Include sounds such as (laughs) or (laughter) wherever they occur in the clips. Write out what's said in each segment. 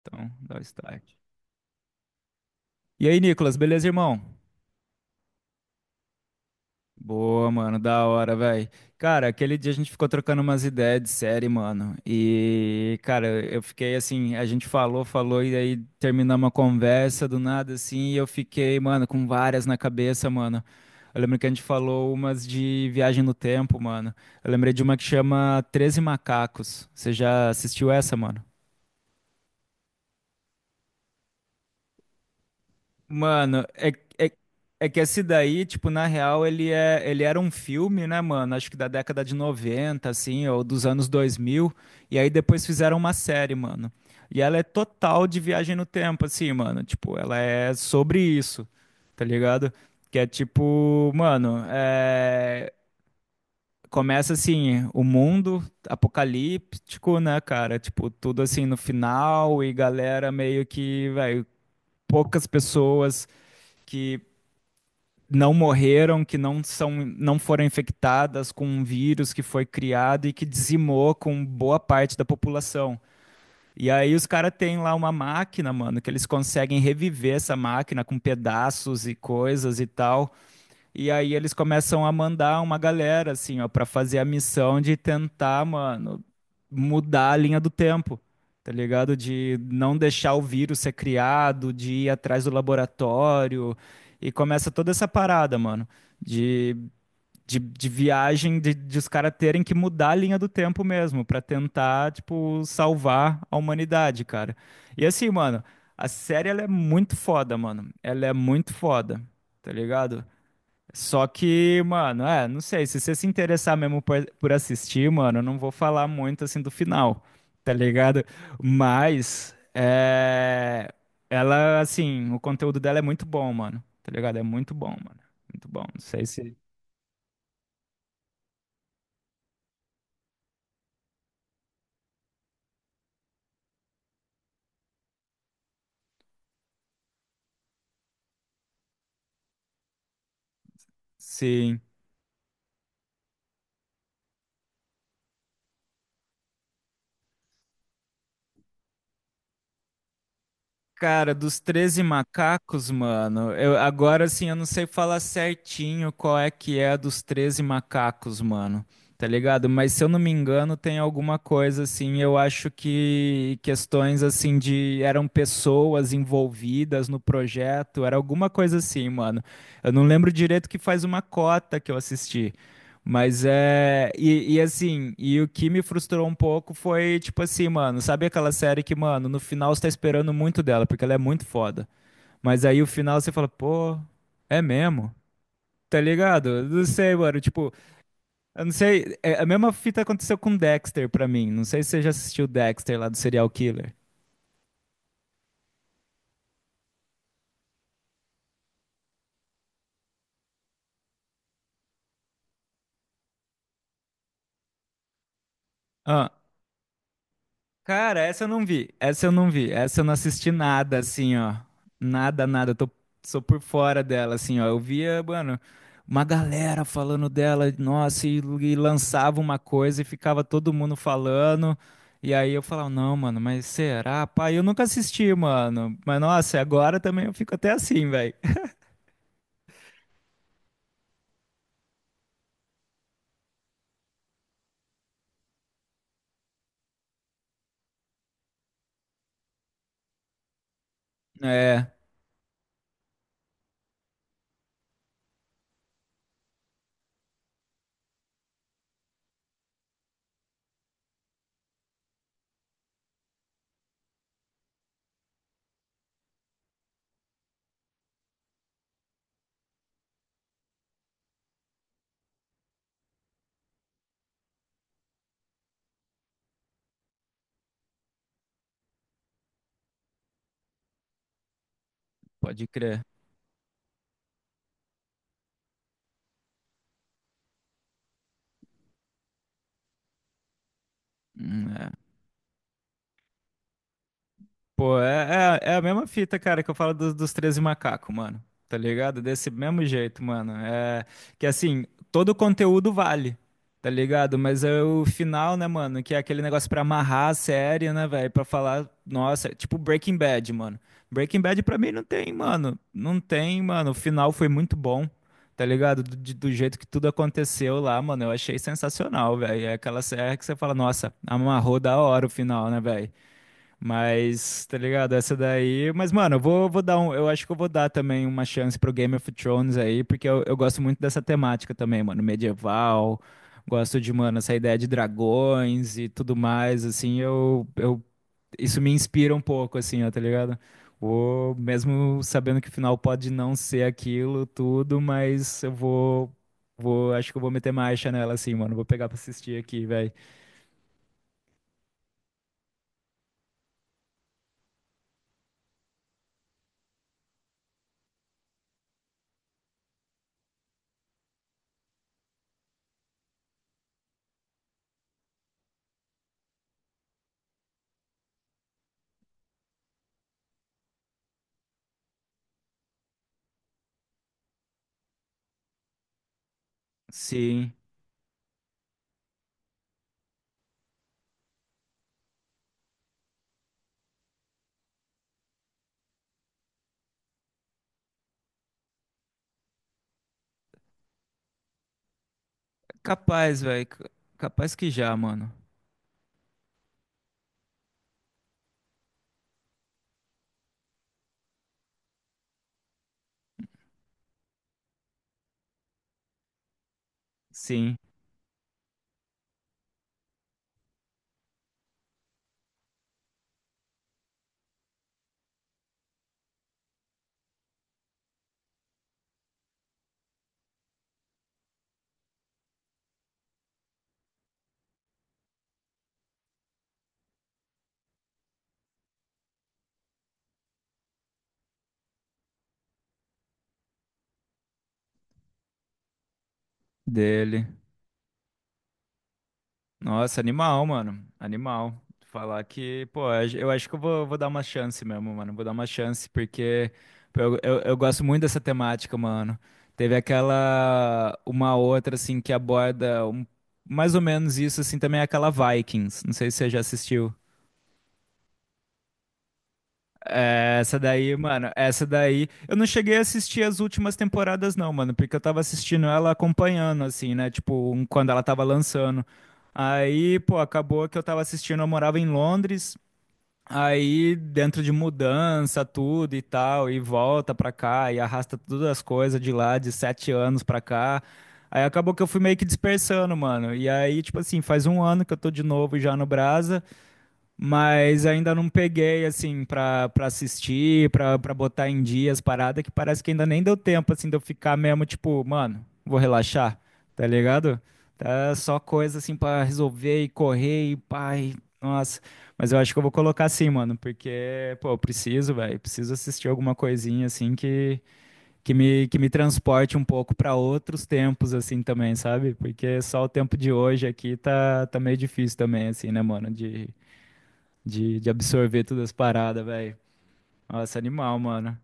Então, dá o start. E aí, Nicolas, beleza, irmão? Boa, mano, da hora, velho. Cara, aquele dia a gente ficou trocando umas ideias de série, mano. E, cara, eu fiquei assim, a gente falou, falou, e aí terminou uma conversa do nada, assim, e eu fiquei, mano, com várias na cabeça, mano. Eu lembro que a gente falou umas de viagem no tempo, mano. Eu lembrei de uma que chama Treze Macacos. Você já assistiu essa, mano? Mano, é, é que esse daí, tipo, na real, ele era um filme, né, mano? Acho que da década de 90 assim, ou dos anos 2000. E aí depois fizeram uma série, mano. E ela é total de viagem no tempo, assim, mano. Tipo, ela é sobre isso, tá ligado? Que é tipo, mano, começa assim, o mundo apocalíptico, né, cara? Tipo, tudo assim no final e galera meio que, velho, poucas pessoas que não morreram, que não são, não foram infectadas com um vírus que foi criado e que dizimou com boa parte da população. E aí os caras têm lá uma máquina, mano, que eles conseguem reviver essa máquina com pedaços e coisas e tal. E aí eles começam a mandar uma galera, assim, ó, pra fazer a missão de tentar, mano, mudar a linha do tempo, tá ligado? De não deixar o vírus ser criado, de ir atrás do laboratório. E começa toda essa parada, mano, de, de viagem, de os caras terem que mudar a linha do tempo mesmo, pra tentar, tipo, salvar a humanidade, cara. E assim, mano, a série, ela é muito foda, mano. Ela é muito foda, tá ligado? Só que, mano, é, não sei, se você se interessar mesmo por assistir, mano, eu não vou falar muito assim do final, tá ligado? Mas, é, ela, assim, o conteúdo dela é muito bom, mano, tá ligado? É muito bom, mano, muito bom. Não sei se. Cara, dos treze macacos, mano, eu, agora assim eu não sei falar certinho qual é que é a dos treze macacos, mano, tá ligado? Mas se eu não me engano, tem alguma coisa assim, eu acho que questões assim de eram pessoas envolvidas no projeto, era alguma coisa assim, mano. Eu não lembro direito que faz uma cota que eu assisti. Mas é. E assim, e o que me frustrou um pouco foi, tipo assim, mano, sabe aquela série que, mano, no final você tá esperando muito dela, porque ela é muito foda. Mas aí o final você fala, pô, é mesmo? Tá ligado? Eu não sei, mano. Tipo, eu não sei. A mesma fita aconteceu com Dexter pra mim. Não sei se você já assistiu Dexter lá do Serial Killer. Cara, essa eu não vi. Essa eu não vi. Essa eu não assisti nada, assim, ó. Nada, nada. Sou por fora dela, assim, ó. Eu via, mano, uma galera falando dela, nossa, e lançava uma coisa e ficava todo mundo falando. E aí eu falava, não, mano, mas será? Pai, eu nunca assisti, mano. Mas nossa, agora também eu fico até assim, velho. (laughs) É, pode crer. Hum, Pô, é a mesma fita, cara, que eu falo dos 13 macacos, mano. Tá ligado? Desse mesmo jeito, mano. É que assim, todo o conteúdo vale, tá ligado? Mas é o final, né, mano? Que é aquele negócio pra amarrar a série, né, velho? Pra falar, nossa, é tipo Breaking Bad, mano. Breaking Bad pra mim não tem, mano. Não tem, mano. O final foi muito bom, tá ligado? Do jeito que tudo aconteceu lá, mano. Eu achei sensacional, velho. É aquela série que você fala, nossa, amarrou da hora o final, né, velho? Mas, tá ligado? Essa daí. Mas, mano, eu vou dar um. Eu acho que eu vou dar também uma chance pro Game of Thrones aí, porque eu gosto muito dessa temática também, mano. Medieval, gosto de, mano, essa ideia de dragões e tudo mais, assim, isso me inspira um pouco, assim, ó, tá ligado? Ou mesmo sabendo que o final pode não ser aquilo, tudo, mas acho que eu vou meter marcha nela, assim, mano. Vou pegar pra assistir aqui, velho. Sim. Capaz, velho. Capaz que já, mano. Sim, dele. Nossa, animal, mano. Animal. Falar que, pô, eu acho que eu vou dar uma chance mesmo, mano. Vou dar uma chance, porque pô, eu gosto muito dessa temática, mano. Teve aquela, uma outra, assim, que aborda mais ou menos isso, assim, também é aquela Vikings. Não sei se você já assistiu. É, essa daí, mano, essa daí. Eu não cheguei a assistir as últimas temporadas, não, mano, porque eu tava assistindo ela acompanhando, assim, né? Tipo, quando ela tava lançando. Aí, pô, acabou que eu tava assistindo, eu morava em Londres. Aí, dentro de mudança, tudo e tal, e volta pra cá, e arrasta todas as coisas de lá, de 7 anos pra cá. Aí acabou que eu fui meio que dispersando, mano. E aí, tipo assim, faz um ano que eu tô de novo já no Brasa. Mas ainda não peguei, assim, pra assistir, pra botar em dias parada, que parece que ainda nem deu tempo, assim, de eu ficar mesmo, tipo, mano, vou relaxar, tá ligado? Tá só coisa, assim, pra resolver e correr e pai, nossa. Mas eu acho que eu vou colocar assim, mano, porque, pô, eu preciso, velho, preciso assistir alguma coisinha, assim, que me transporte um pouco pra outros tempos, assim, também, sabe? Porque só o tempo de hoje aqui tá meio difícil também, assim, né, mano, de absorver todas as paradas, velho. Nossa, animal, mano.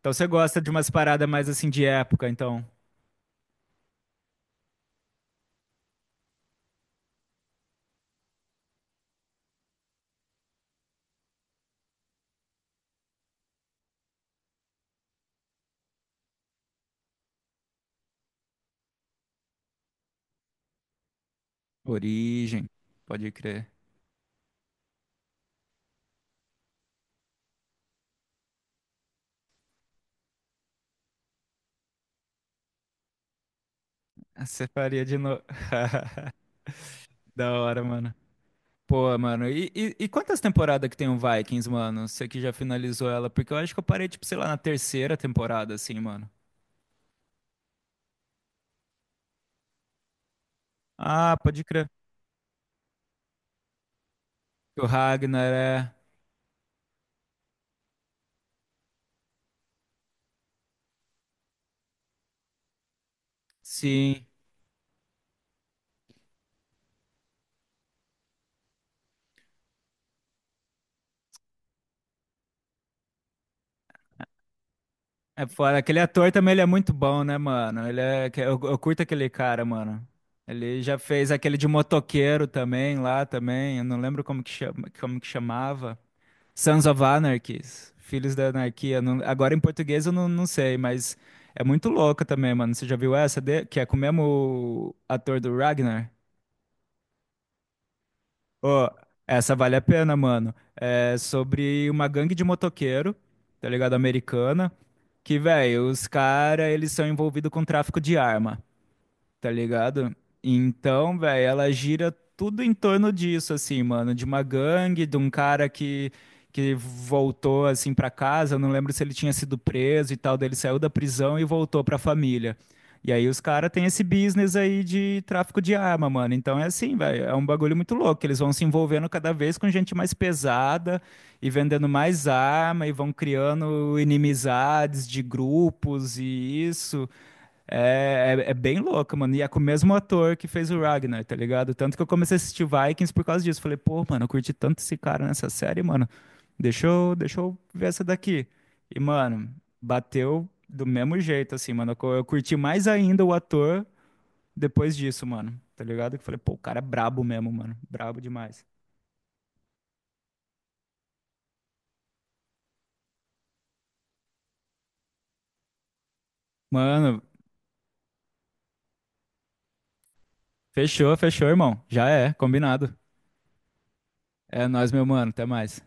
Então você gosta de umas paradas mais assim de época, então. Origem, pode crer. Ah, você faria de novo. (laughs) Da hora, mano. Pô, mano, e quantas temporadas que tem o Vikings, mano? Você que já finalizou ela? Porque eu acho que eu parei, tipo, sei lá, na terceira temporada, assim, mano. Ah, pode crer. O Ragnar é. Sim. É foda. Aquele ator também, ele é muito bom, né, mano? Eu curto aquele cara, mano. Ele já fez aquele de motoqueiro também, lá também. Eu não lembro como que chama, como que chamava. Sons of Anarchies. Filhos da Anarquia. Agora em português eu não sei, mas é muito louca também, mano. Você já viu essa? Que é com o mesmo ator do Ragnar? Ô, essa vale a pena, mano. É sobre uma gangue de motoqueiro, tá ligado? Americana. Que, velho, os caras, eles são envolvidos com tráfico de arma, tá ligado? Então, velho, ela gira tudo em torno disso, assim, mano, de uma gangue, de um cara que, voltou, assim, pra casa, eu não lembro se ele tinha sido preso e tal, daí ele saiu da prisão e voltou pra família. E aí os caras têm esse business aí de tráfico de arma, mano. Então é assim, velho, é um bagulho muito louco, que eles vão se envolvendo cada vez com gente mais pesada e vendendo mais arma e vão criando inimizades de grupos e isso. É bem louco, mano. E é com o mesmo ator que fez o Ragnar, tá ligado? Tanto que eu comecei a assistir Vikings por causa disso. Falei, pô, mano, eu curti tanto esse cara nessa série, mano. Deixa eu ver essa daqui. E, mano, bateu do mesmo jeito, assim, mano. Eu curti mais ainda o ator depois disso, mano. Tá ligado? Que falei, pô, o cara é brabo mesmo, mano. Brabo demais. Mano, fechou, fechou, irmão. Já é, combinado. É nóis, meu mano. Até mais.